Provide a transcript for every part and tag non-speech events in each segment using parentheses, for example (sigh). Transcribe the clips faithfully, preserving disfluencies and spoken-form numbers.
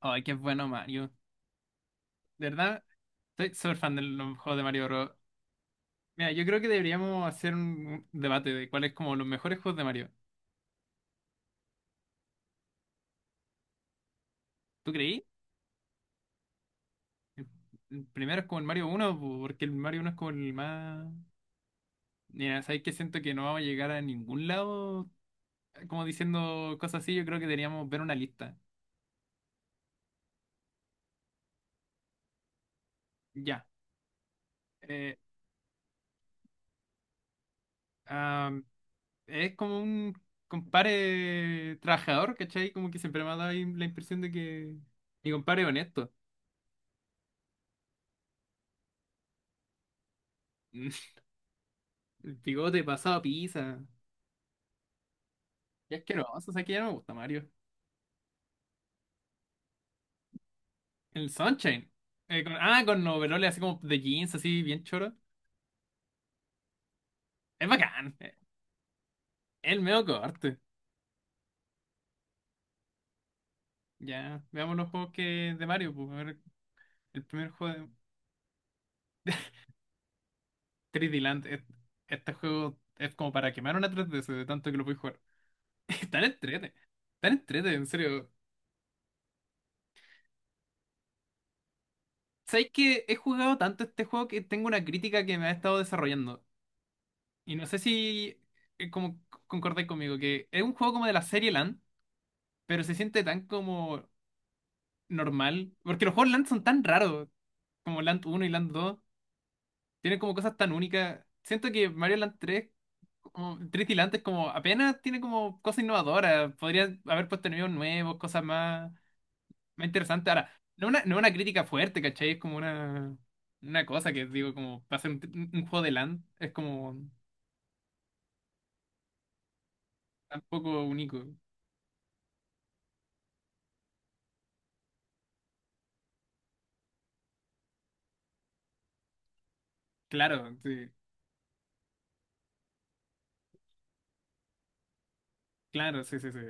Ay, qué bueno Mario. De verdad, estoy súper fan de los juegos de Mario Bros. Mira, yo creo que deberíamos hacer un debate de cuáles como los mejores juegos de Mario. ¿Tú creí? El el primero es como el Mario uno, po, porque el Mario uno es como el más... Mira, ¿sabes qué? Siento que no vamos a llegar a ningún lado como diciendo cosas así. Yo creo que deberíamos ver una lista. Ya. Eh, ah, es como un compadre trabajador, ¿cachai? Como que siempre me ha dado ahí la impresión de que mi compadre es honesto. (laughs) El bigote pasado a pizza. Qué asqueroso, o sea que ya no me gusta Mario. El Sunshine. Eh, con- ah, con overoles así como de jeans, así bien choro. Es bacán. eh, El medio corte. Ya, veamos los juegos que de Mario. Pues, a ver, el primer juego de (laughs) tres D Land. es- Este juego es como para quemar una tres D S de tanto que lo puedes jugar. (laughs) Tan entrete. Tan entrete, en serio. ¿Sabéis que he jugado tanto este juego que tengo una crítica que me ha estado desarrollando? Y no sé si eh, como concordáis conmigo, que es un juego como de la serie LAN, pero se siente tan como normal, porque los juegos Land son tan raros, como Land uno y Land dos tienen como cosas tan únicas. Siento que Mario Land tres, como tres y Land, es como apenas tiene como cosas innovadoras, podría haber puesto enemigos nuevos, cosas más, más interesantes. Ahora, no una, no una crítica fuerte, ¿cachai? Es como una, una cosa que digo, como para hacer un, un- un juego de Land, es como tampoco único. Claro, sí, claro, sí, sí, sí.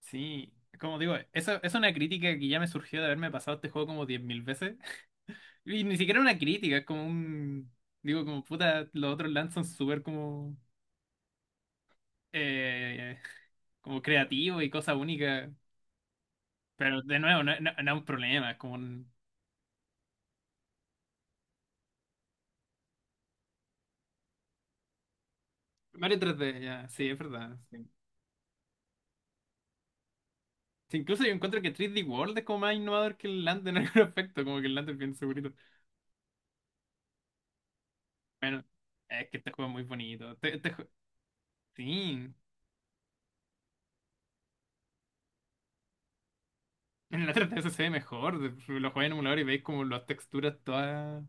Sí, como digo, eso es una crítica que ya me surgió de haberme pasado este juego como diez mil veces. (laughs) Y ni siquiera una crítica, es como un... Digo, como puta, los otros LAN son súper como... eh, Como creativos y cosas únicas. Pero de nuevo, no, no- no es un problema, es como un... Mario tres D, ya, sí, es verdad. Sí. Sí, incluso yo encuentro que tres D World es como más innovador que el LAN en (laughs) algún aspecto, como que el LAN es bien segurito. Bueno, es que este juego es muy bonito. Este, este jue- sí. En la tres D S se ve mejor. Lo jugáis en emulador y veis como las texturas todas,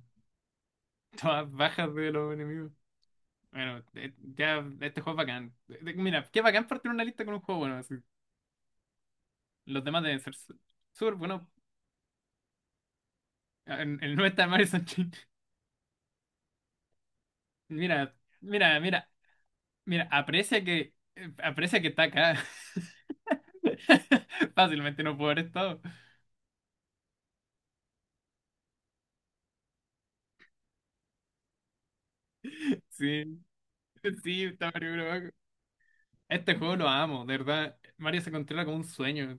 todas bajas de los enemigos. Bueno, eh, ya este juego es bacán. Eh, eh, Mira, qué bacán partir una lista con un juego bueno, así. Los demás deben ser su- súper buenos. El, el noventa de Mario Sunshine. (laughs) Mira, mira, mira, mira, aprecia que, eh, aprecia que está acá. (laughs) Fácilmente no puedo haber estado. Sí, sí, está Mario Bros. Este juego lo amo, de verdad. Mario se controla como un sueño.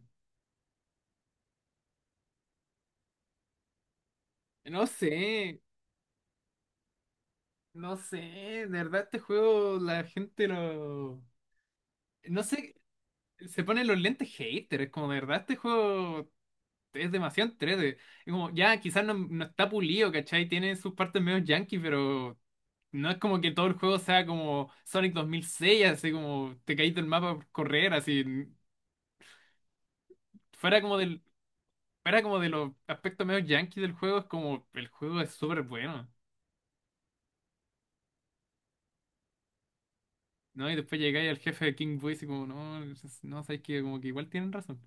No sé. No sé, de verdad este juego la gente lo... No sé, se ponen los lentes hater, es como de verdad este juego es demasiado en tres D. Es como, ya, quizás no, no está pulido, ¿cachai? Tiene sus partes medio yankee, pero no es como que todo el juego sea como Sonic dos mil seis, así como te caíste del mapa por correr, así. Fuera como del, Fuera como de los aspectos medio yankee del juego, es como, el juego es súper bueno. ¿No? Y después llegáis al jefe de King Boy y como, no, no, sabéis que como que igual tienen razón.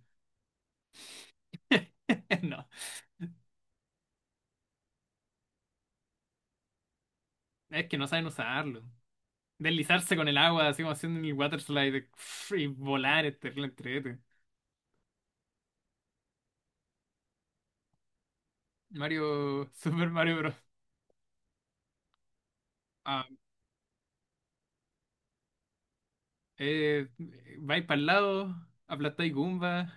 (laughs) No. Es que no saben usarlo. Deslizarse con el agua, así como haciendo el water slide pff, y volar este entrete. Mario, (laughs) Super Mario Bros. Ah, eh, vais para el lado, aplastáis Goomba,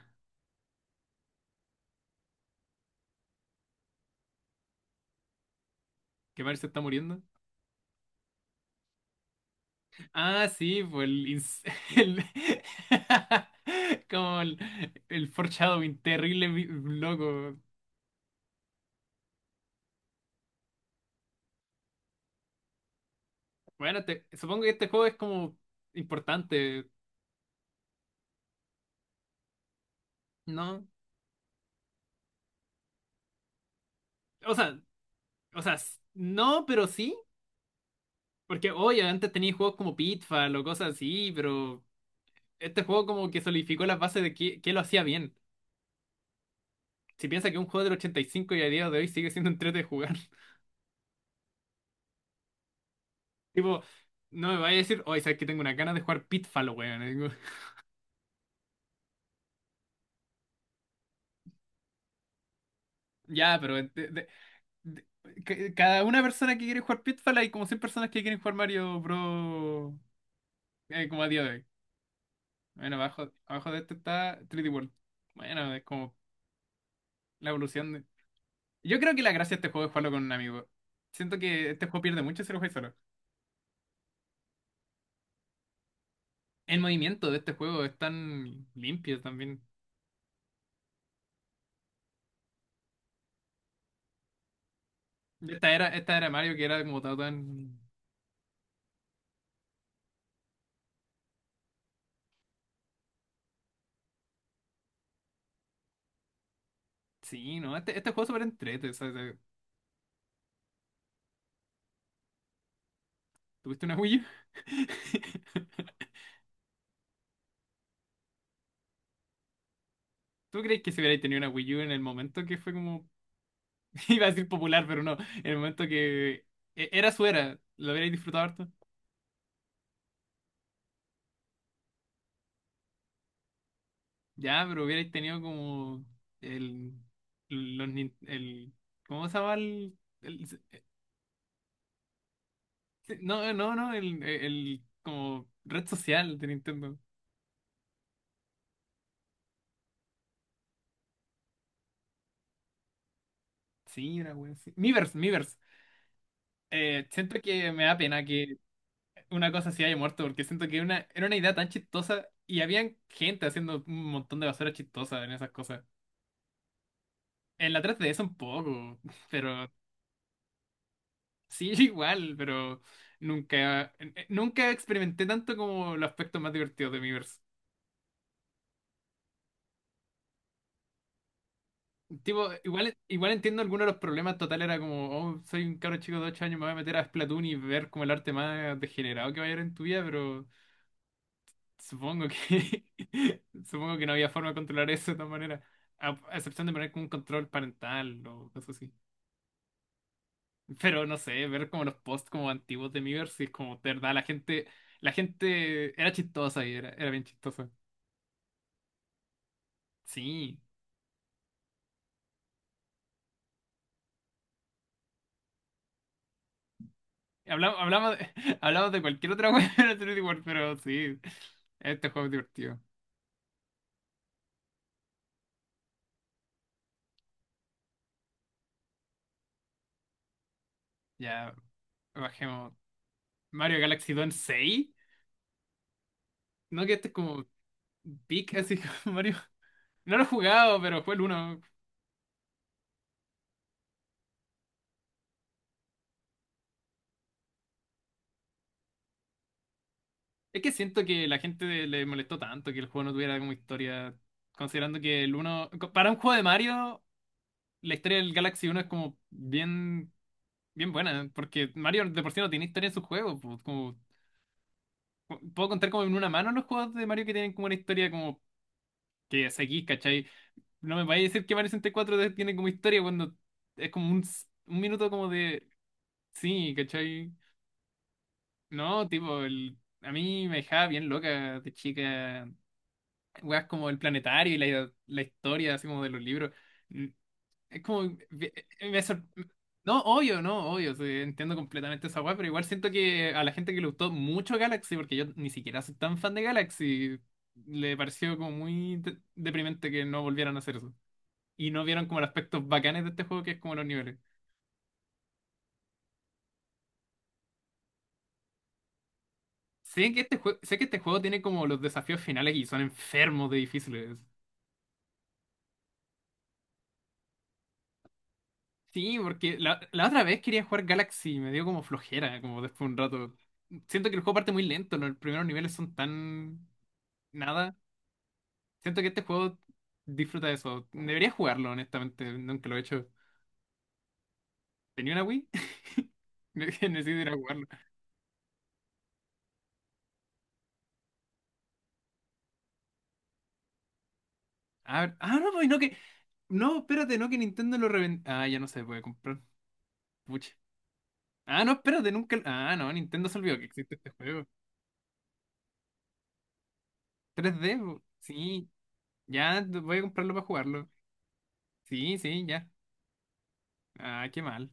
que Mario se está muriendo. Ah, sí, pues el, ins- (laughs) el- (laughs) como el, el foreshadowing terrible, vi- loco. Bueno, te- supongo que este juego es como importante, ¿no? O sea, o sea, s- no, pero sí. Porque, oye, antes tenía juegos como Pitfall o cosas así, pero este juego como que solidificó las bases de qué, qué lo hacía bien. Si piensa que un juego del ochenta y cinco y a día de hoy sigue siendo (laughs) un entrete de jugar. (laughs) Tipo, no me vaya a decir, oye, sabes que tengo una ganas de jugar Pitfall, weón. Y digo, (laughs) Ya, pero de- de- de- ca- cada una persona que quiere jugar Pitfall hay como cien personas que quieren jugar Mario Bros. Eh, como a día de hoy. Bueno, abajo, abajo de este está tres D World. Bueno, es como la evolución. Yo creo que la gracia de este juego es jugarlo con un amigo. Siento que este juego pierde mucho si lo juegas solo. El movimiento de este juego es tan limpio también. Esta era, esta era Mario que era como todo tan... Sí, ¿no? Este, este juego es súper entrete, o sea, te- ¿Tuviste una Wii U? (laughs) ¿Tú crees que si hubierais tenido una Wii U en el momento que fue como... (laughs) Iba a decir popular, pero no. En el momento que... e- Era su era. ¿Lo hubierais disfrutado harto? Ya, pero hubierais tenido como... El... Los, nin- el ¿Cómo se llama el...? el- Sí, no, no, no, el, el como red social de Nintendo. Sí, una wea así. Miiverse, Miiverse. Eh, siento que me da pena que una cosa así haya muerto, porque siento que una, era una idea tan chistosa y habían gente haciendo un montón de basura chistosa en esas cosas. En la tres D S un poco, (laughs) pero sí, igual, pero nunca, eh, nunca experimenté tanto como los aspectos más divertidos de Miiverse. Tipo, igual, igual entiendo algunos de los problemas. Total, era como, oh, soy un cabro chico de ocho años, me voy a meter a Splatoon y ver como el arte más degenerado que va a haber en tu vida, pero supongo que (laughs) supongo que no había forma de controlar eso de todas maneras. A, a excepción de poner como un control parental o cosas así. Pero no sé, ver como los posts como antiguos de Miiverse, si es como, de verdad, la gente, la gente, era chistosa y era, era bien chistosa. Sí. Hablamos, hablamos, de, (laughs) hablamos de cualquier otra cosa, (laughs) pero sí, este juego es divertido. Ya, bajemos. Mario Galaxy dos en seis. No, que este es como pic, (laughs) así como Mario. No lo he jugado, pero fue el uno. Es que siento que la gente de- le molestó tanto que el juego no tuviera como historia. Considerando que el uno. Para un juego de Mario, la historia del Galaxy uno es como bien, bien buena. Porque Mario de por sí no tiene historia en sus juegos. Pues, como, puedo contar como en una mano los juegos de Mario que tienen como una historia como que seguís, ¿cachai? No me vayas a decir que Mario sesenta y cuatro tiene como historia cuando es como un, s- un minuto como de... Sí, ¿cachai? No, tipo, el, a mí me dejaba bien loca de chica. Weas como el planetario y la, la historia, así como de los libros. Mm. Es como... ve- me sor- No, obvio, no, obvio. Sí, entiendo completamente esa wea, pero igual siento que a la gente que le gustó mucho Galaxy, porque yo ni siquiera soy tan fan de Galaxy, le pareció como muy de- deprimente que no volvieran a hacer eso. Y no vieron como los aspectos bacanes de este juego, que es como los niveles. Sé que este juego, sé que este juego tiene como los desafíos finales y son enfermos de difíciles. Sí, porque la, la otra vez quería jugar Galaxy y me dio como flojera, como después de un rato. Siento que el juego parte muy lento, ¿no? Los primeros niveles son tan nada. Siento que este juego disfruta de eso. Debería jugarlo, honestamente, nunca lo he hecho. ¿Tenía una Wii? (laughs) Necesito ir a jugarlo. A ver, ah, no, pues no que. No, espérate, no que Nintendo lo reventó. Ah, ya no se puede comprar. Pucha. Ah, no, espérate, nunca. Ah, no, Nintendo se olvidó que existe este juego. tres D, sí, ya voy a comprarlo para jugarlo. Sí, sí, ya. Ah, qué mal.